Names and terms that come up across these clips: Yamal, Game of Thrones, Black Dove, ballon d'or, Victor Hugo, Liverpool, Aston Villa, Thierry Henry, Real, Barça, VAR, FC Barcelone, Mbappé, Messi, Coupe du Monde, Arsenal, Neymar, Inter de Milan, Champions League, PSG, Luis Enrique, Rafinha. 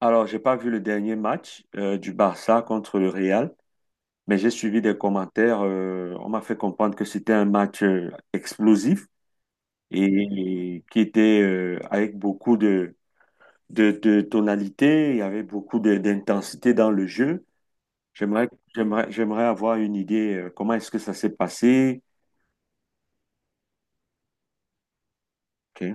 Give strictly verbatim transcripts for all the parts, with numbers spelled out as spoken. Alors, j'ai pas vu le dernier match euh, du Barça contre le Real, mais j'ai suivi des commentaires. Euh, on m'a fait comprendre que c'était un match euh, explosif et, qui était euh, avec beaucoup de, de, de tonalité. Il y avait beaucoup de- d'intensité dans le jeu. J'aimerais, j'aimerais, J'aimerais avoir une idée euh, comment est-ce que ça s'est passé. Oui,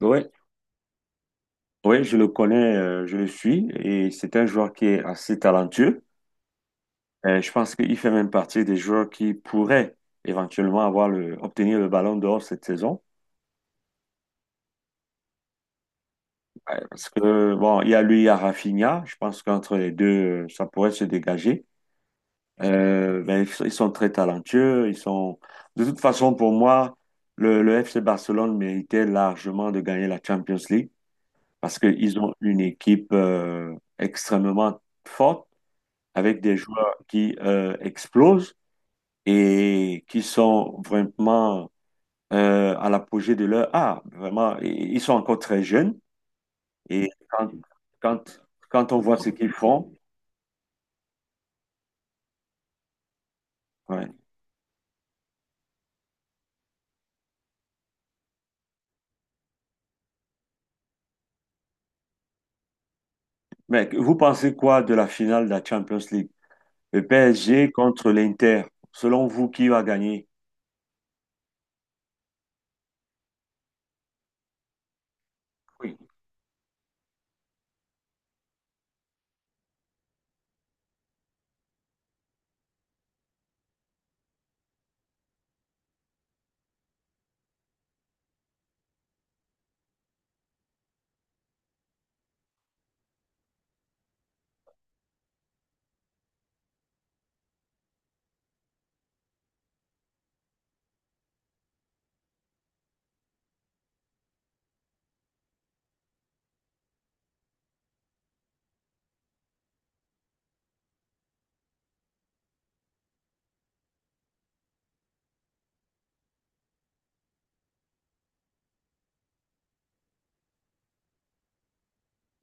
ouais, ouais, je le connais. Euh, je le suis et c'est un joueur qui est assez talentueux. Euh, je pense qu'il fait même partie des joueurs qui pourraient éventuellement avoir le, obtenir le ballon d'or cette saison. Ouais, parce que, bon, il y a lui, il y a Rafinha. Je pense qu'entre les deux, euh, ça pourrait se dégager. Euh, mais ils sont ils sont très talentueux. Ils sont... De toute façon, pour moi, le, le F C Barcelone méritait largement de gagner la Champions League parce qu'ils ont une équipe euh, extrêmement forte avec des joueurs qui euh, explosent et qui sont vraiment euh, à l'apogée de leur art. Vraiment, i- ils sont encore très jeunes et quand, quand, quand on voit ce qu'ils font, ouais. Mais vous pensez quoi de la finale de la Champions League? Le P S G contre l'Inter. Selon vous, qui va gagner? Oui.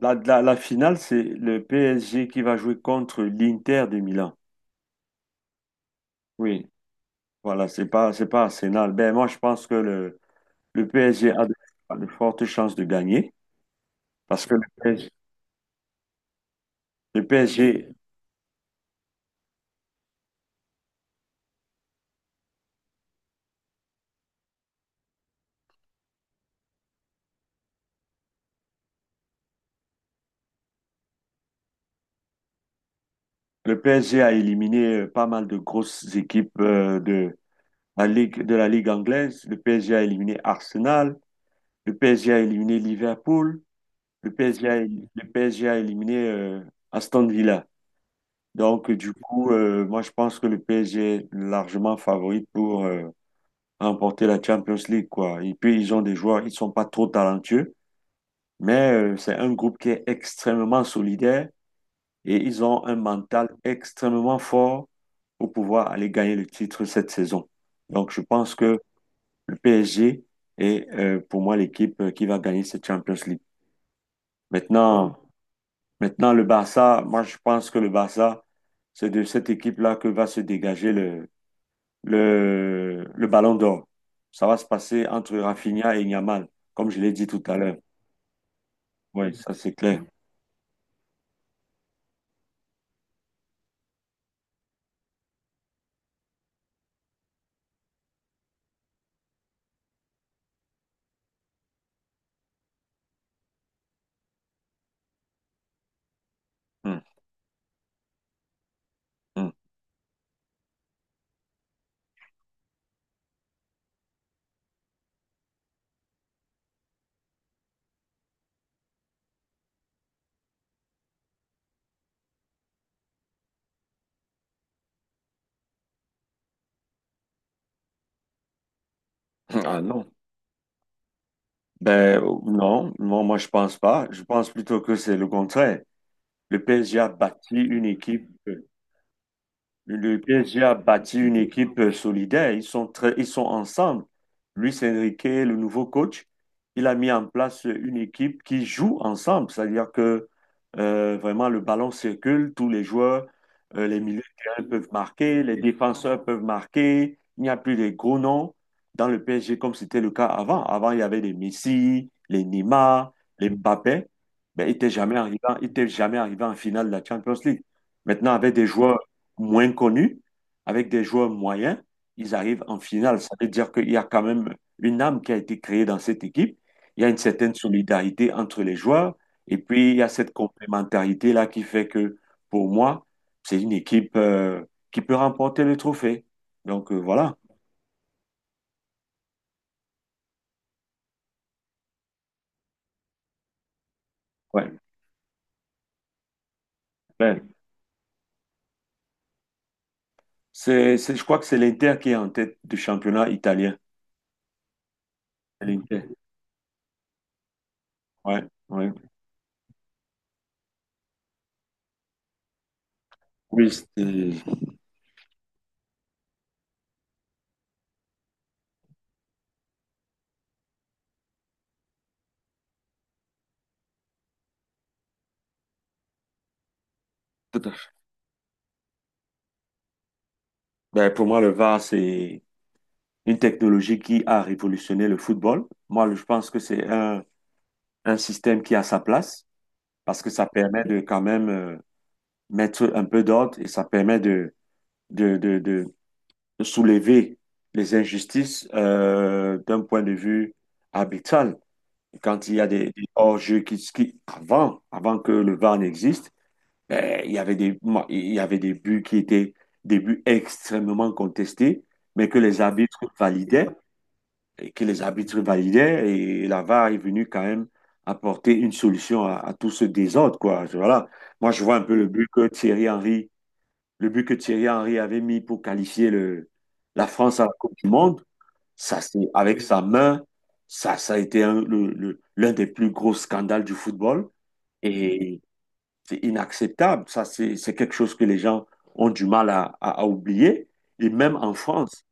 La, la, la finale, c'est le P S G qui va jouer contre l'Inter de Milan. Oui, voilà, c'est pas, c'est pas Arsenal. Ben, moi, je pense que le, le P S G a de, a de fortes chances de gagner parce que le P S G, le P S G le P S G a éliminé euh, pas mal de grosses équipes euh, de la Ligue, de la Ligue anglaise. Le P S G a éliminé Arsenal. Le P S G a éliminé Liverpool. Le P S G a, éli- Le P S G a éliminé euh, Aston Villa. Donc, euh, du coup, euh, moi, je pense que le P S G est largement favori pour euh, remporter la Champions League, quoi. Et puis, ils ont des joueurs, ils sont pas trop talentueux, mais euh, c'est un groupe qui est extrêmement solidaire. Et ils ont un mental extrêmement fort pour pouvoir aller gagner le titre cette saison. Donc, je pense que le P S G est euh, pour moi l'équipe euh, qui va gagner cette Champions League. Maintenant, maintenant, le Barça, moi je pense que le Barça, c'est de cette équipe-là que va se dégager le, le, le ballon d'or. Ça va se passer entre Rafinha et Yamal, comme je l'ai dit tout à l'heure. Oui, ça c'est clair. Hum, hum. Ah non. Ben non, non, moi je pense pas. Je pense plutôt que c'est le contraire. Le P S G a bâti une équipe. euh, Le P S G a bâti une équipe euh, solidaire. Ils sont très, ils sont ensemble. Luis Enrique, le nouveau coach, il a mis en place une équipe qui joue ensemble. C'est-à-dire que euh, vraiment le ballon circule, tous les joueurs, euh, les milieux de terrain peuvent marquer, les défenseurs peuvent marquer. Il n'y a plus de gros noms dans le P S G comme c'était le cas avant. Avant, il y avait les Messi, les Neymar, les Mbappé. Ben, ils n'étaient jamais arrivés, ils n'étaient jamais arrivés en finale de la Champions League. Maintenant, avec des joueurs moins connus, avec des joueurs moyens, ils arrivent en finale. Ça veut dire qu'il y a quand même une âme qui a été créée dans cette équipe. Il y a une certaine solidarité entre les joueurs. Et puis, il y a cette complémentarité-là qui fait que, pour moi, c'est une équipe euh, qui peut remporter le trophée. Donc, euh, voilà. Ouais. Ouais. C'est, c'est- je crois que c'est l'Inter qui est en tête du championnat italien. C'est l'Inter. Ouais, ouais. Oui, c'est- tout à fait. Ben, pour moi, le V A R, c'est une technologie qui a révolutionné le football. Moi, je pense que c'est un, un système qui a sa place parce que ça permet de quand même euh, mettre un peu d'ordre et ça permet de, de, de, de soulever les injustices euh, d'un point de vue arbitral. Quand il y a des, des hors-jeux qui, qui- avant, avant que le V A R n'existe, ben, il y avait des, il y avait des buts qui étaient des buts extrêmement contestés, mais que les arbitres validaient et que les arbitres validaient et la V A R est venue quand même apporter une solution à, à tout ce désordre, quoi. Je- voilà. Moi, je vois un peu le but que Thierry Henry, le but que Thierry Henry avait mis pour qualifier le, la France à la Coupe du Monde. Ça, c'est avec sa main. ça, ça a été un- le- le- L'un des plus gros scandales du football et c'est inacceptable. Ça, c'est, c'est quelque chose que les gens ont du mal à, à- à oublier. Et même en France,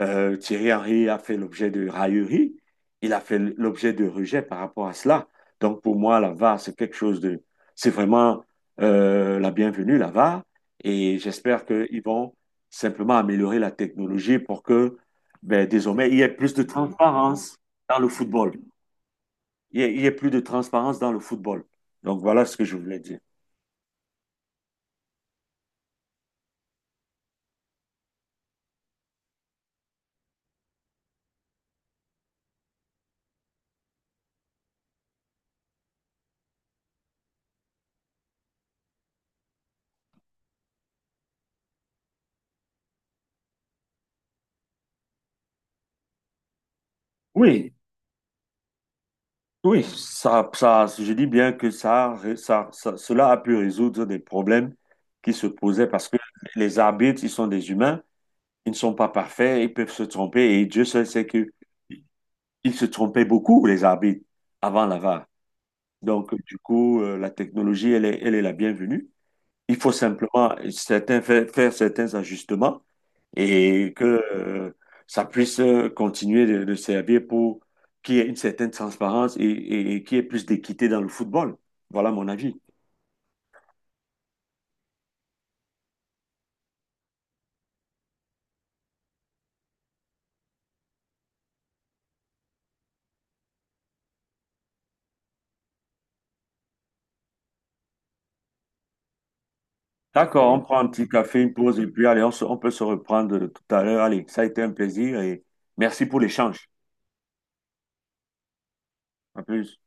euh, Thierry Henry a fait l'objet de railleries, il a fait l'objet de rejets par rapport à cela. Donc pour moi, la V A R, c'est quelque chose de... C'est vraiment euh, la bienvenue, la V A R, et j'espère qu'ils vont simplement améliorer la technologie pour que ben, désormais, il y ait plus de transparence dans le football. Il y ait, il y ait plus de transparence dans le football. Donc voilà ce que je voulais dire. Oui, oui, ça, ça, je dis bien que ça, ça, ça- cela a pu résoudre des problèmes qui se posaient parce que les arbitres, ils sont des humains, ils ne sont pas parfaits, ils peuvent se tromper et Dieu seul sait que ils se trompaient beaucoup, les arbitres, avant la V A R. Donc, du coup, euh, la technologie, elle est, elle est la bienvenue. Il faut simplement certains, faire, faire certains ajustements et que euh, ça puisse euh, continuer de, de servir pour qu'il y ait une certaine transparence et, et, et qu'il y ait plus d'équité dans le football. Voilà mon avis. D'accord, on Mm. prend un petit café, une pause et puis allez, on se- on peut se reprendre tout à l'heure. Allez, ça a été un plaisir et merci pour l'échange. À plus.